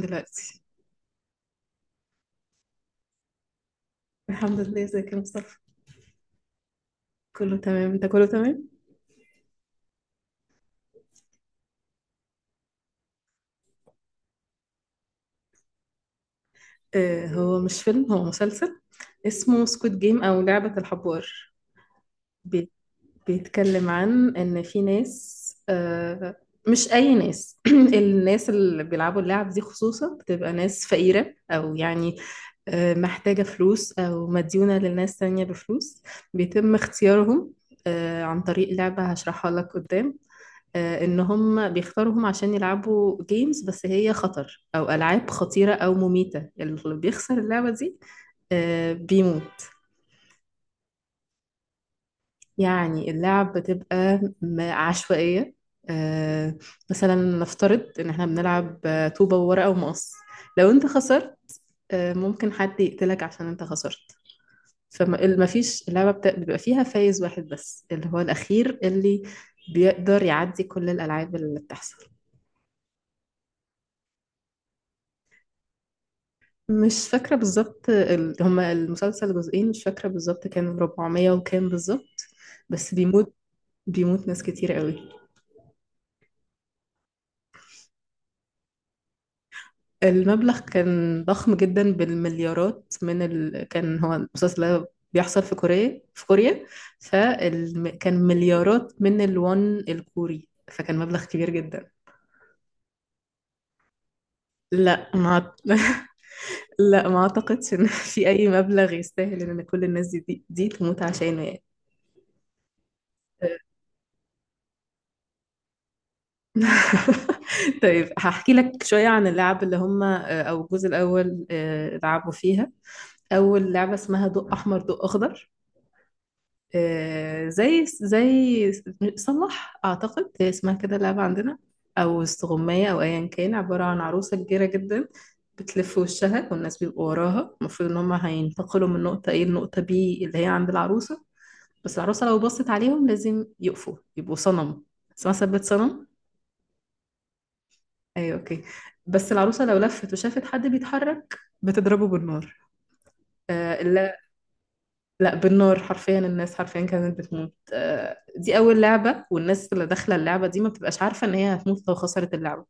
دلوقتي. الحمد لله، ازيك يا مصطفى؟ كله تمام، انت كله تمام. هو مش فيلم، هو مسلسل اسمه سكوت جيم او لعبة الحبار. بي- بيتكلم عن ان في ناس. آه مش اي ناس، الناس اللي بيلعبوا اللعب دي خصوصا بتبقى ناس فقيرة او يعني محتاجة فلوس او مديونة للناس تانية بفلوس. بيتم اختيارهم عن طريق لعبة هشرحها لك قدام. ان هم بيختاروهم عشان يلعبوا جيمز بس هي خطر او العاب خطيره او مميته، يعني اللي بيخسر اللعبه دي بيموت. يعني اللعب بتبقى عشوائيه. آه، مثلا نفترض ان احنا بنلعب طوبه وورقه ومقص. لو انت خسرت ممكن حد يقتلك عشان انت خسرت. فما فيش، اللعبه بيبقى فيها فايز واحد بس اللي هو الاخير اللي بيقدر يعدي كل الالعاب اللي بتحصل. مش فاكرة بالظبط، هما المسلسل جزئين، مش فاكرة بالظبط كان 400 وكام بالظبط، بس بيموت. بيموت ناس كتير قوي. المبلغ كان ضخم جدا بالمليارات، كان هو المسلسل ده بيحصل في كوريا في كوريا. فكان مليارات من الون الكوري، فكان مبلغ كبير جدا. لا، ما أعت- لا ما اعتقدش ان في اي مبلغ يستاهل ان كل الناس دي تموت عشانه يعني. طيب هحكي لك شوية عن اللعب اللي هم أو الجزء الأول لعبوا فيها. أول لعبة اسمها ضوء أحمر ضوء أخضر. زي صلح أعتقد هي اسمها كده اللعبة عندنا، أو استغماية أو أيا كان. عبارة عن عروسة كبيرة جدا بتلف وشها، والناس بيبقوا وراها. المفروض إن هم هينتقلوا من نقطة A لنقطة B اللي هي عند العروسة. بس العروسة لو بصت عليهم لازم يقفوا يبقوا صنم، اسمها ثبت صنم. ايوه اوكي. بس العروسه لو لفت وشافت حد بيتحرك بتضربه بالنار. آه، لا، لا بالنار حرفيا، الناس حرفيا كانت بتموت. دي اول لعبه، والناس اللي داخله اللعبه دي ما بتبقاش عارفه ان هي هتموت لو خسرت اللعبه.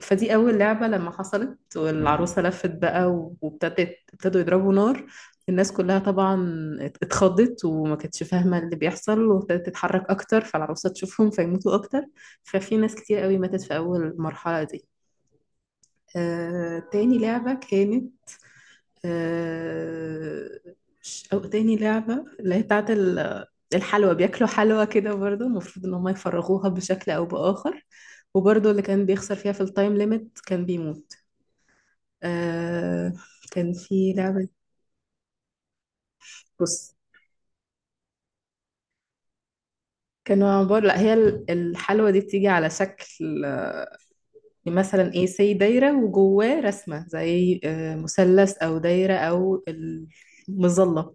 فدي اول لعبه لما حصلت والعروسه لفت بقى وابتدت ابتدوا يضربوا نار. الناس كلها طبعا اتخضت وما كانتش فاهمه اللي بيحصل، وابتدت تتحرك اكتر فالعروسه تشوفهم فيموتوا اكتر. ففي ناس كتير قوي ماتت في اول المرحله دي. تاني لعبة كانت آه، مش- أو تاني لعبة اللي هي بتاعت الحلوى، بياكلوا حلوى كده برضه. المفروض إن هما يفرغوها بشكل أو بآخر، وبرضه اللي كان بيخسر فيها في التايم ليميت كان بيموت. آه، كان في لعبة. بص، كانوا عبارة، لا هي الحلوى دي بتيجي على شكل مثلا ايه سي دايرة وجواه رسمة زي مثلث أو دايرة أو المظلة.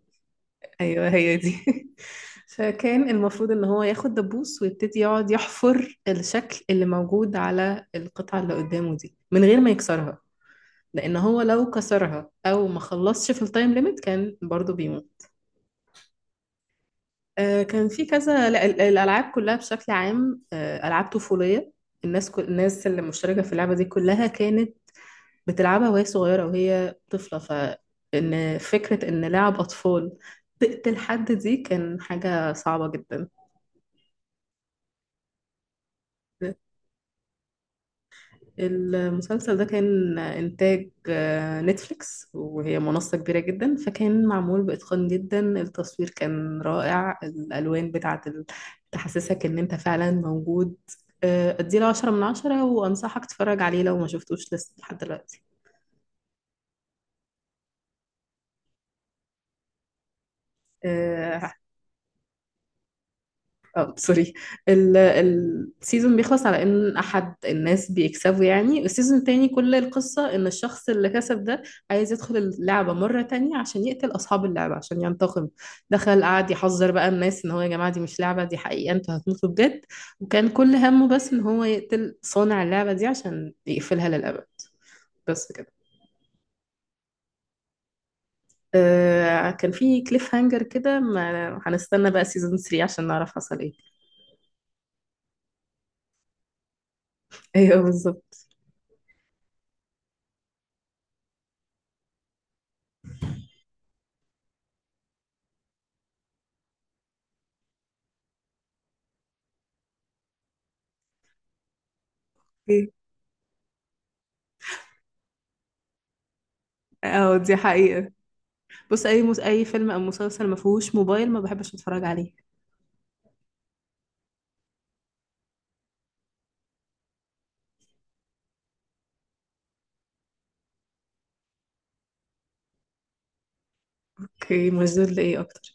ايوه هي دي. فكان المفروض ان هو ياخد دبوس ويبتدي يقعد يحفر الشكل اللي موجود على القطعة اللي قدامه دي من غير ما يكسرها، لان هو لو كسرها او ما خلصش في التايم ليميت كان برضو بيموت. كان في كذا، لا، الالعاب كلها بشكل عام العاب طفولية. الناس، كل الناس اللي مشتركة في اللعبة دي كلها كانت بتلعبها وهي صغيرة وهي طفلة. فان فكرة ان لعب اطفال تقتل حد دي كان حاجة صعبة جدا. المسلسل ده كان إنتاج نتفليكس وهي منصة كبيرة جدا، فكان معمول بإتقان جدا. التصوير كان رائع، الألوان بتاعة تحسسك إن أنت فعلا موجود. أديله 10 من 10، وأنصحك تتفرج عليه لو ما شفتوش لسه لحد دلوقتي. آه، اه سوري. السيزون بيخلص على ان احد الناس بيكسبوا، يعني السيزون التاني كل القصة ان الشخص اللي كسب ده عايز يدخل اللعبة مرة تانية عشان يقتل اصحاب اللعبة عشان ينتقم. دخل قعد يحذر بقى الناس ان هو يا جماعة، دي مش لعبة، دي حقيقة، انتوا هتموتوا بجد. وكان كل همه بس ان هو يقتل صانع اللعبة دي عشان يقفلها للأبد، بس كده. كان في كليف هانجر كده، ما هنستنى بقى سيزون 3 عشان نعرف حصل ايه. ايوه بالظبط. ايه، اه دي حقيقة. بص، اي اي فيلم او مسلسل ما فيهوش موبايل ما بحبش اتفرج عليه. اوكي، مشدود لإيه أكتر؟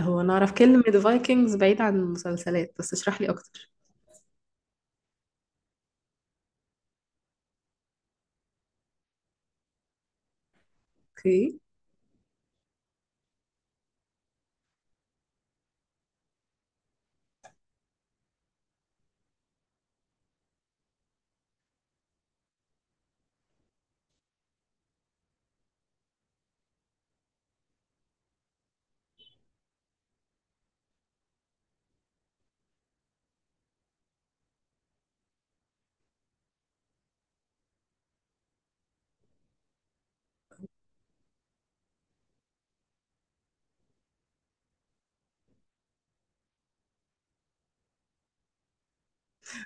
هو انا اعرف كلمة فايكنجز بعيد عن المسلسلات، بس اشرح لي اكتر. اوكي.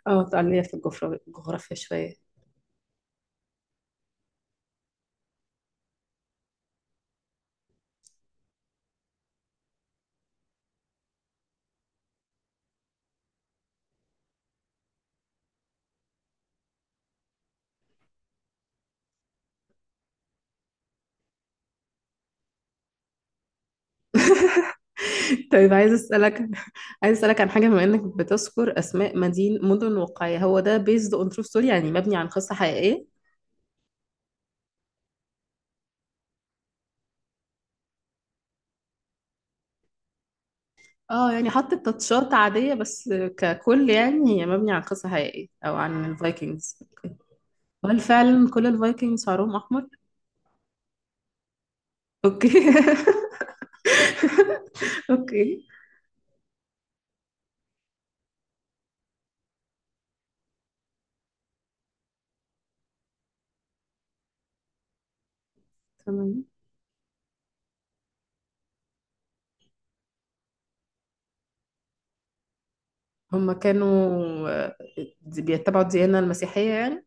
اه تعالي في الجغرافيا، شوية. طيب عايز اسالك، عايز اسالك عن حاجة. بما انك بتذكر اسماء مدن واقعية، هو ده بيزد اون ترو ستوري يعني مبني عن قصة حقيقية؟ اه يعني حط تاتشات عادية بس، ككل يعني هي مبني عن قصة حقيقية او عن الفايكنجز؟ هل فعلا كل الفايكنجز شعرهم احمر؟ اوكي. اوكي. تمام. هم كانوا آه، بيتبعوا الديانة المسيحية يعني؟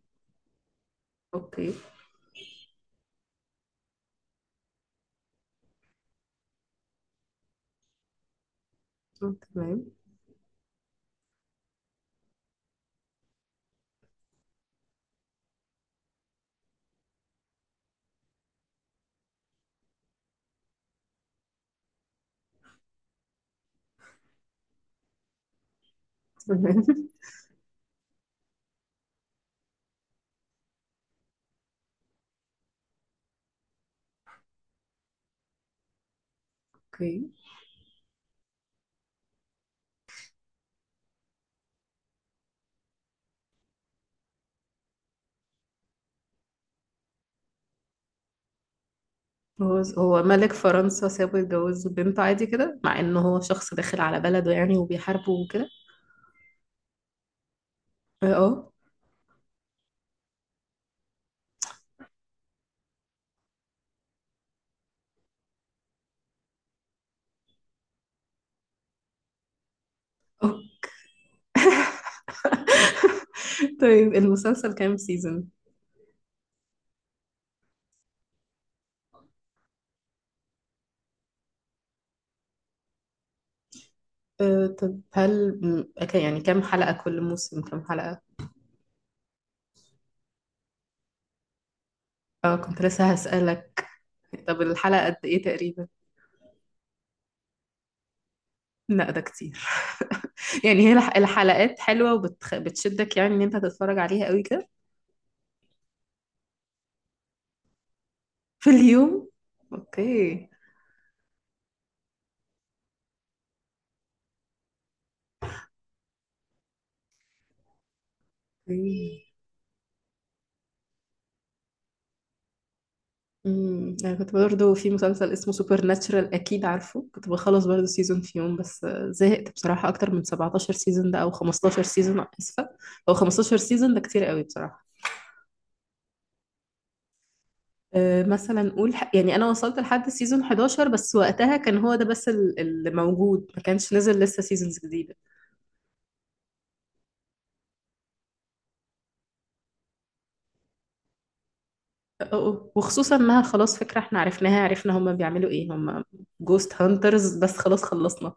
اوكي. تمام. تمام اوكي. هو هو ملك فرنسا سابه يتجوز بنته عادي كده، مع انه هو شخص داخل على بلده يعني وبيحاربه وكده؟ اه. آه. آه. طيب المسلسل كام سيزون؟ آه، طب هل يعني كام حلقة كل موسم، كام حلقة؟ اه كنت لسه هسألك. طب الحلقة قد ايه تقريبا؟ لا ده كتير. يعني هي الحلقات حلوة وبتشدك يعني ان انت هتتفرج عليها قوي كده؟ في اليوم. اوكي. اوكي. امم، انا كنت برضه في مسلسل اسمه سوبر ناتشرال اكيد عارفه، كنت بخلص برضه سيزون في يوم، بس زهقت بصراحة، اكتر من 17 سيزون ده او 15 سيزون، اسفة، او 15 سيزون ده كتير قوي بصراحة. أه، مثلا نقول يعني انا وصلت لحد سيزون 11 بس، وقتها كان هو ده بس اللي موجود، ما كانش نزل لسه سيزونز. وخصوصا انها خلاص فكرة احنا عرفناها، عرفنا هما بيعملوا ايه، هما جوست هانترز بس، خلاص خلصنا.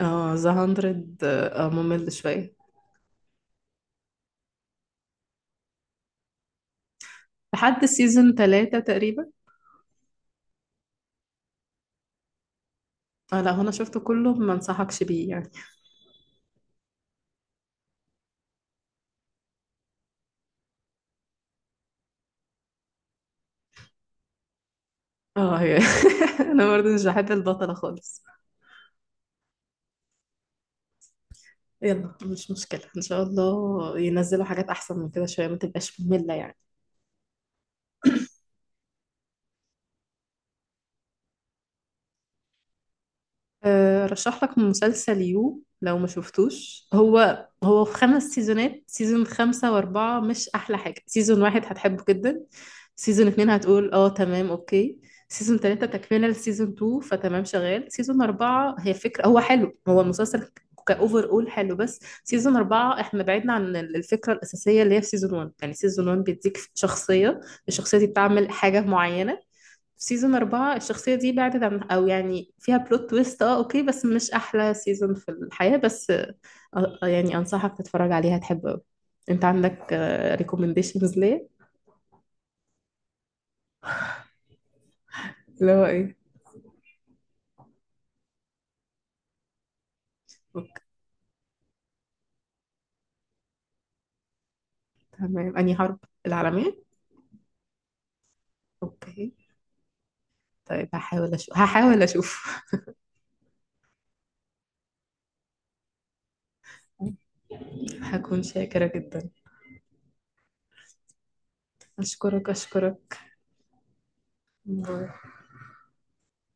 اه ذا هاندرد، اه ممل شوية، لحد سيزون ثلاثة تقريبا. اه، لا، هنا شفته كله، ما انصحكش بيه يعني. اه هي. انا برضه مش بحب البطلة خالص. يلا مش مشكلة، ان شاء الله ينزلوا حاجات احسن من كده شوية، ما تبقاش مملة يعني. أه، رشح لك مسلسل يو لو ما شفتوش، هو هو في خمس سيزونات. سيزون خمسة وأربعة مش أحلى حاجة. سيزون واحد هتحبه جدا. سيزون اتنين هتقول اه تمام اوكي. سيزون تلاتة تكملة لسيزون تو فتمام شغال. سيزون أربعة هي فكرة، هو حلو، هو المسلسل كأوفر أول حلو، بس سيزون أربعة احنا بعدنا عن الفكرة الأساسية اللي هي في سيزون ون. يعني سيزون ون بيديك شخصية، الشخصية دي بتعمل حاجة معينة. في سيزون أربعة الشخصية دي بعدت عن، أو يعني فيها بلوت تويست، اه اوكي، بس مش أحلى سيزون في الحياة، بس يعني أنصحك تتفرج عليها تحب أوي. أنت عندك ريكومنديشنز ليه؟ اللي هو إيه؟ اوكي. تمام، أنهي حرب، العالمية؟ اوكي. طيب هحاول أشوف، هحاول أشوف. هكون شاكرة جدا. أشكرك أشكرك. باي.